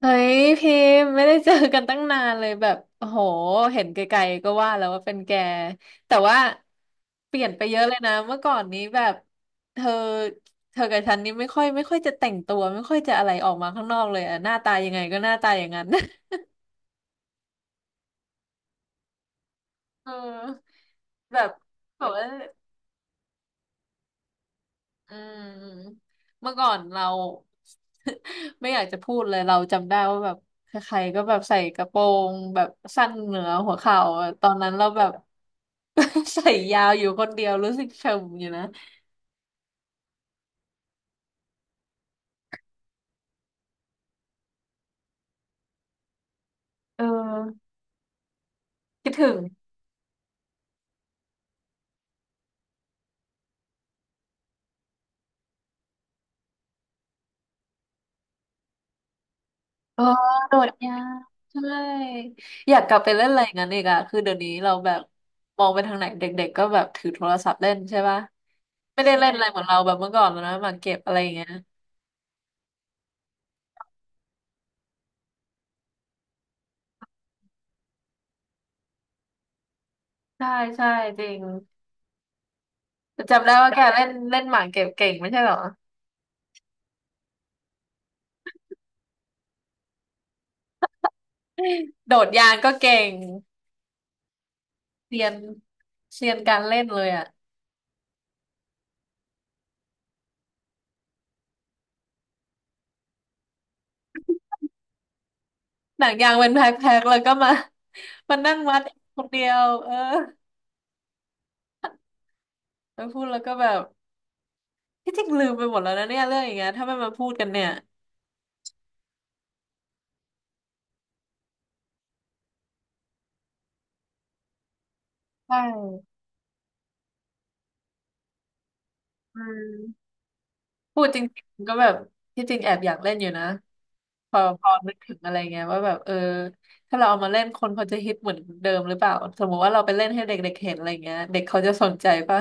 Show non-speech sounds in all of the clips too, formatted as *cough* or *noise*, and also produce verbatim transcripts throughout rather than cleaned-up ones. เฮ้ยพิมพ์ไม่ได้เจอกันตั้งนานเลยแบบโอ้โหเห็นไกลๆก็ว่าแล้วว่าเป็นแกแต่ว่าเปลี่ยนไปเยอะเลยนะเมื่อก่อนนี้แบบเธอเธอกับฉันนี่ไม่ค่อยไม่ค่อยจะแต่งตัวไม่ค่อยจะอะไรออกมาข้างนอกเลยอะหน้าตายังไงก็หน้าตาอย่างนั้น *laughs* เออแบบบอกว่า อืมเมื่อก่อนเรา *laughs* ไม่อยากจะพูดเลยเราจำได้ว่าแบบใครๆก็แบบใส่กระโปรงแบบสั้นเหนือหัวเข่าอะตอนนั้นเราแบบ *laughs* ใส่ยาวอยู่คนเดียวรู้สึกเฉมอยู่นะเออคิดถึงเออโดดยาวใช่อยากกลับไปเล่นอะไรอย่างนั้นอีกอะคือเดี๋ยวนี้เราแบบมองไปทางไหนเด็กๆก็แบบถือโทรศัพท์เล่นใช่ปะไม่ได้เล่นอะไรเหมือนเราแบบเมื่อก่อนแล้วนะหมากเก็บอะไรอย่างเงี้ยใช่ใช่จริง จำได้ว่าแกเล่นเล่นหมากเก็บเก่งไม่ใช่เหรอโดดยางก็เก่งเรียนเรียนการเล่นเลยอ่ะหนังยางเป็นแพ็คๆแล้วก็มามานั่งวัดคนเดียวเออแล้วพูดแล้วก็แบบที่จริงลืมไปหมดแล้วนะเนี่ยเรื่องอย่างเงี้ยถ้าไม่มาพูดกันเนี่ยใช่อืมพูดจริงๆก็แบบที่จริงแอบอยากเล่นอยู่นะพอพอนึกถึงอะไรเงี้ยว่าแบบเออถ้าเราเอามาเล่นคนเขาจะฮิตเหมือนเดิมหรือเปล่าสมมติว่าเราไปเล่นให้เด็กๆเห็นอะไรเงี้ยเด็กเขาจะสนใจป่ะ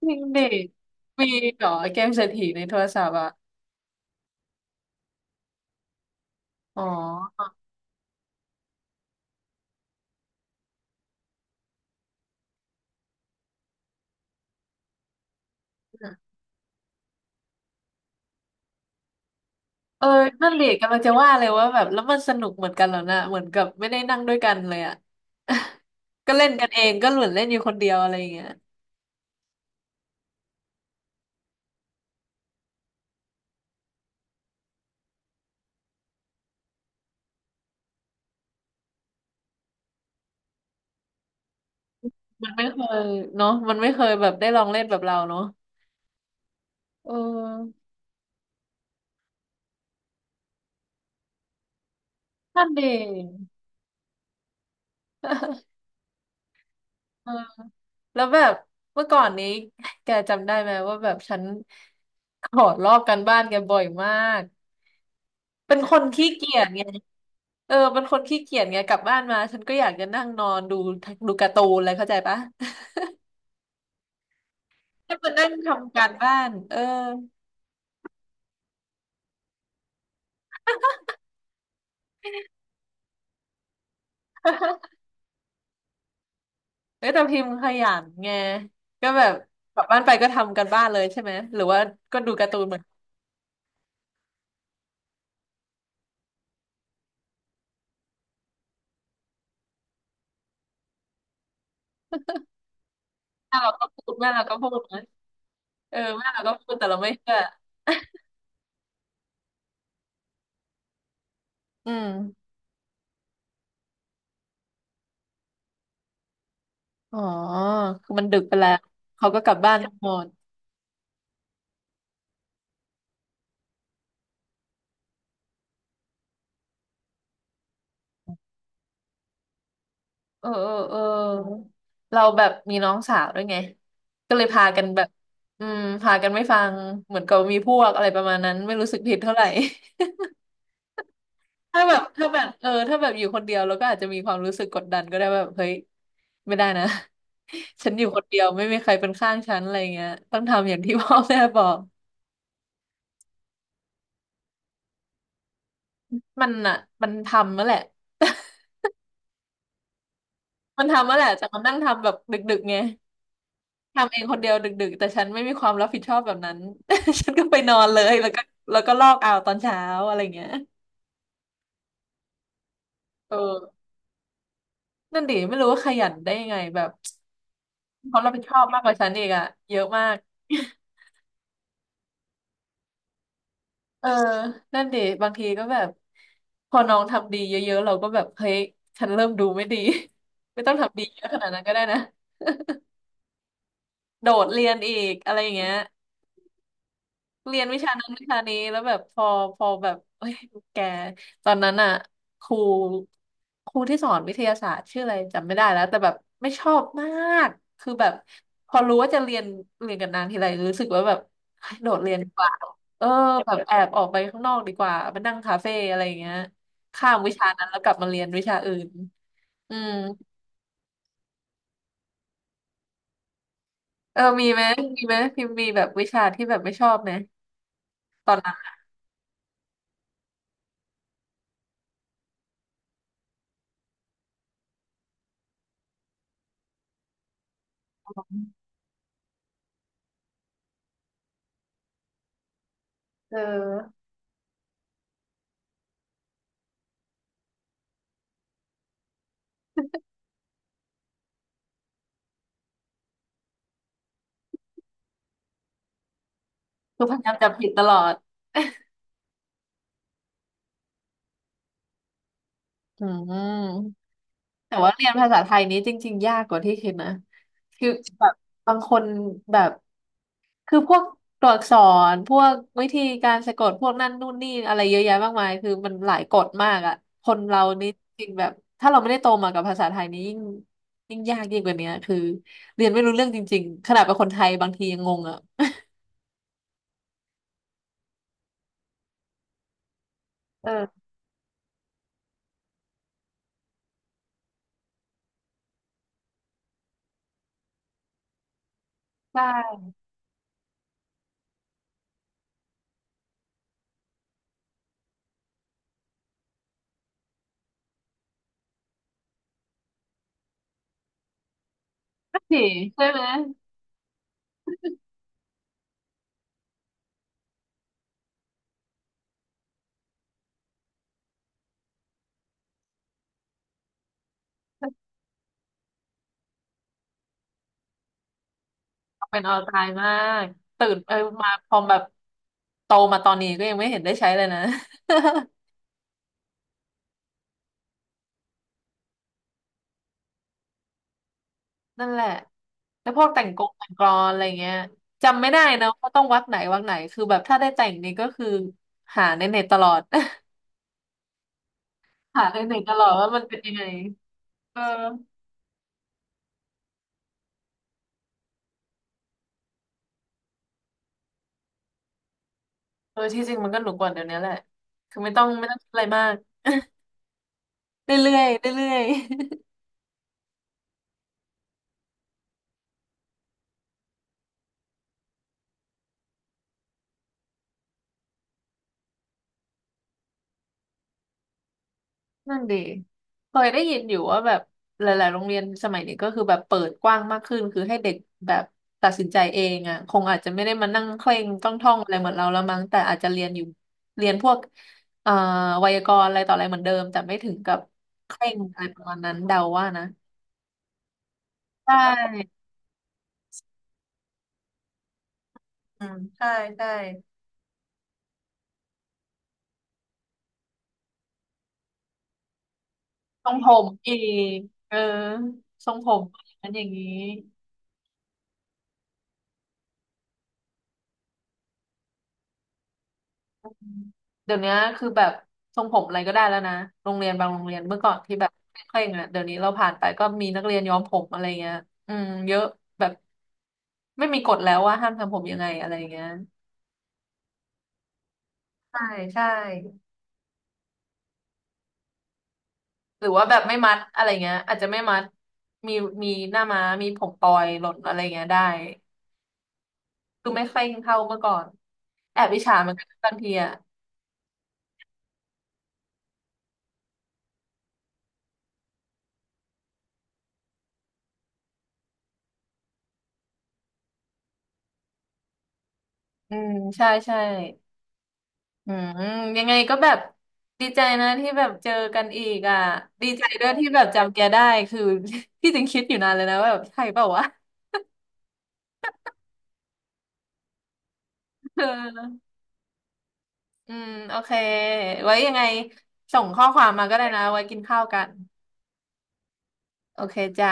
จริงดิ มีเหรอเกมเศรษฐีในโทรศัพท์อ่ะอ๋อเออนั่นดิกำลังจะว่าเลยว่าแบบแล้วมันสนุกเหมือนกันแล้วนะเหมือนกับไม่ได้นั่งด้วยกันเลยอ่ะ *laughs* ก็เล่นกันเองก็เหมือนเล่นอยู่คนเดียวอะไรอย่างเงี้ยมันไม่เคยเนาะมันไม่เคยแบบได้ลองเล่นแบบเราเนาะเออนั่นดิ *laughs* เออแล้วแบบเมื่อก่อนนี้แกจำได้ไหมว่าแบบฉันขอลอกกันบ้านแกบ่อยมากเป็นคนขี้เกียจไง เออเป็นคนขี้เกียจไงกลับบ้านมาฉันก็อยากจะนั่งนอนดูดูการ์ตูนอะไรเข้าใจปะ *laughs* ให้มานั่งทำการบ้านเออเอ้ยแต่พิมพ์ขยันไงก็แบบกลับบ้านไปก็ทำการบ้านเลยใช่ไหมหรือว่าก็ดูการ์ตูนเหมือนแม่เราก็พูดแม่เราก็พูดนะเออแม่เราก็พูดแต่เราไม่เชื่ออืมอ๋อคือมันดึกไปแล้วเขาก็กลับบ้านกันหมด เออเออเออเราแบบมีน้องสาวด้วยไงก็เลยพากันแบบอืมพากันไม่ฟังเหมือนกับมีพวกอะไรประมาณนั้นไม่รู้สึกผิดเท่าไหร่ *laughs* ถ้าแบบถ้าแบบเออถ้าแบบอยู่คนเดียวเราก็อาจจะมีความรู้สึกกดดันก็ได้ว่าแบบเฮ้ยไม่ได้นะ *laughs* ฉันอยู่คนเดียวไม่มีใครเป็นข้างฉันอะไรเงี้ยต้องทำอย่างที่พ่อแม่บอกมันอ่ะมันทำมาแหละ *laughs* มันทำมาแหละแต่มันนั่งทำแบบดึกๆไง ทำเองคนเดียวดึกๆแต่ฉันไม่มีความรับผิดชอบแบบนั้น *laughs* ฉันก็ไปนอนเลยแล้วก็แล้วก็ลอกเอาตอนเช้าอะไรเงี้ยเออนั่นดิไม่รู้ว่าขยันได้ยังไงแบบควารับผิดชอบมากกว่าฉันอีกอะเยอะมากเออ *laughs* นั่นดิบางทีก็แบบพอน้องทำดีเยอะๆเราก็แบบเฮ้ยฉันเริ่มดูไม่ดี *laughs* ไม่ต้องทำดีเยอะขนาดนั้นก็ได้นะโดดเรียนอีกอะไรอย่างเงี้ย เรียนวิชานั้นวิชานี้แล้วแบบพอพอแบบเอ้ยแกตอนนั้นอ่ะครูครูที่สอนวิทยาศาสตร์ชื่ออะไรจำไม่ได้แล้วแต่แบบไม่ชอบมากคือแบบพอรู้ว่าจะเรียนเรียนกับนางทีไรรู้สึกว่าแบบเฮ้ยโดดเรียนดีกว่าเออแบบแอบออกไปข้างนอกดีกว่าไปนั่งคาเฟ่อะไรอย่างเงี้ยข้ามวิชานั้นแล้วกลับมาเรียนวิชาอื่นอืมเออมีไหมมีไหมพิมพ์มีแบบวิชาที่แบบไม่ชอบไหมตอนนั้นเออคือพยายามจะผิดตลอดอืม แต่ว่าเรียนภาษาไทยนี้จริงๆ ยากกว่าที่คิดนะคือแบบบางคนแบบคือพวกตัวอักษรพวกวิธีการสะกดพวกนั่นนู่นนี่อะไรเยอะแยะมากมายคือมันหลายกฎมากอ่ะคนเรานี่จริงแบบถ้าเราไม่ได้โตมากับภาษาไทยนี้ยิ่งยิ่งยากยิ่งกว่านี้คือเรียนไม่รู้เรื่องจริงๆขนาดเป็นคนไทยบางทียังงงอ่ะเออใช่ก็สิใช่ไหมเป็นเอาตายมากตื่นเออมาพอแบบโตมาตอนนี้ก็ยังไม่เห็นได้ใช้เลยนะ *laughs* นั่นแหละแล้วพวกแต่งกงแต่งกลอนอะไรเงี้ยจำไม่ได้นะว่าต้องวักไหนวักไหนคือแบบถ้าได้แต่งนี่ก็คือหาในเน็ตตลอด *laughs* หาในเน็ตตลอดว่ามันเป็นยังไงเออเออที่จริงมันก็หนุกกว่าเดี๋ยวนี้แหละคือไม่ต้องไม่ต้องคิดอะไรมากเรื่อยๆเรื่อย นั่นดีเคยได้ยินอยู่ว่าแบบหลายๆโรงเรียนสมัยนี้ก็คือแบบเปิดกว้างมากขึ้นคือให้เด็กแบบตัดสินใจเองอ่ะคงอาจจะไม่ได้มานั่งเคร่งต้องท่องอะไรเหมือนเราแล้วมั้งแต่อาจจะเรียนอยู่เรียนพวกเอ่อไวยากรณ์อะไรต่ออะไรเหมือนเดิมแต่ไม่ถึงกับเคร่งอะไรประมาณนั้นเดาว่านะใช่อืมใช่ใช่ทรงผมอีกเออทรงผมอันอย่างนี้ เดี๋ยวนี้คือแบบทรงผมอะไรก็ได้แล้วนะโรงเรียนบางโรงเรียนเมื่อก่อนที่แบบเคร่งๆอ่ะเดี๋ยวนี้เราผ่านไปก็มีนักเรียนย้อมผมอะไรเงี้ยอืมเยอะแบบไม่มีกฎแล้วว่าห้ามทำผมยังไงอะไรเงี้ยใช่ใช่หรือว่าแบบไม่มัดอะไรเงี้ยอาจจะไม่มัดมีมีหน้าม้ามีผมปล่อยหล่นอะไรเงี้ยได้คือไม่เคร่งเท่าเมื่อก่อนแอบอิจฉาเหมือนกันบางทีอ่ะอืมใช่ใช่ อืมยังไงก็แบบดีใจนะที่แบบเจอกันอีกอ่ะดีใจด้วยที่แบบจำแกได้คือ *laughs* ที่จริงคิดอยู่นานเลยนะว่าแบบใช่เปล่าวะ *laughs* เอออืมโอเคไว้ยังไงส่งข้อความมาก็ได้นะไว้กินข้าวกันโอเคจ้า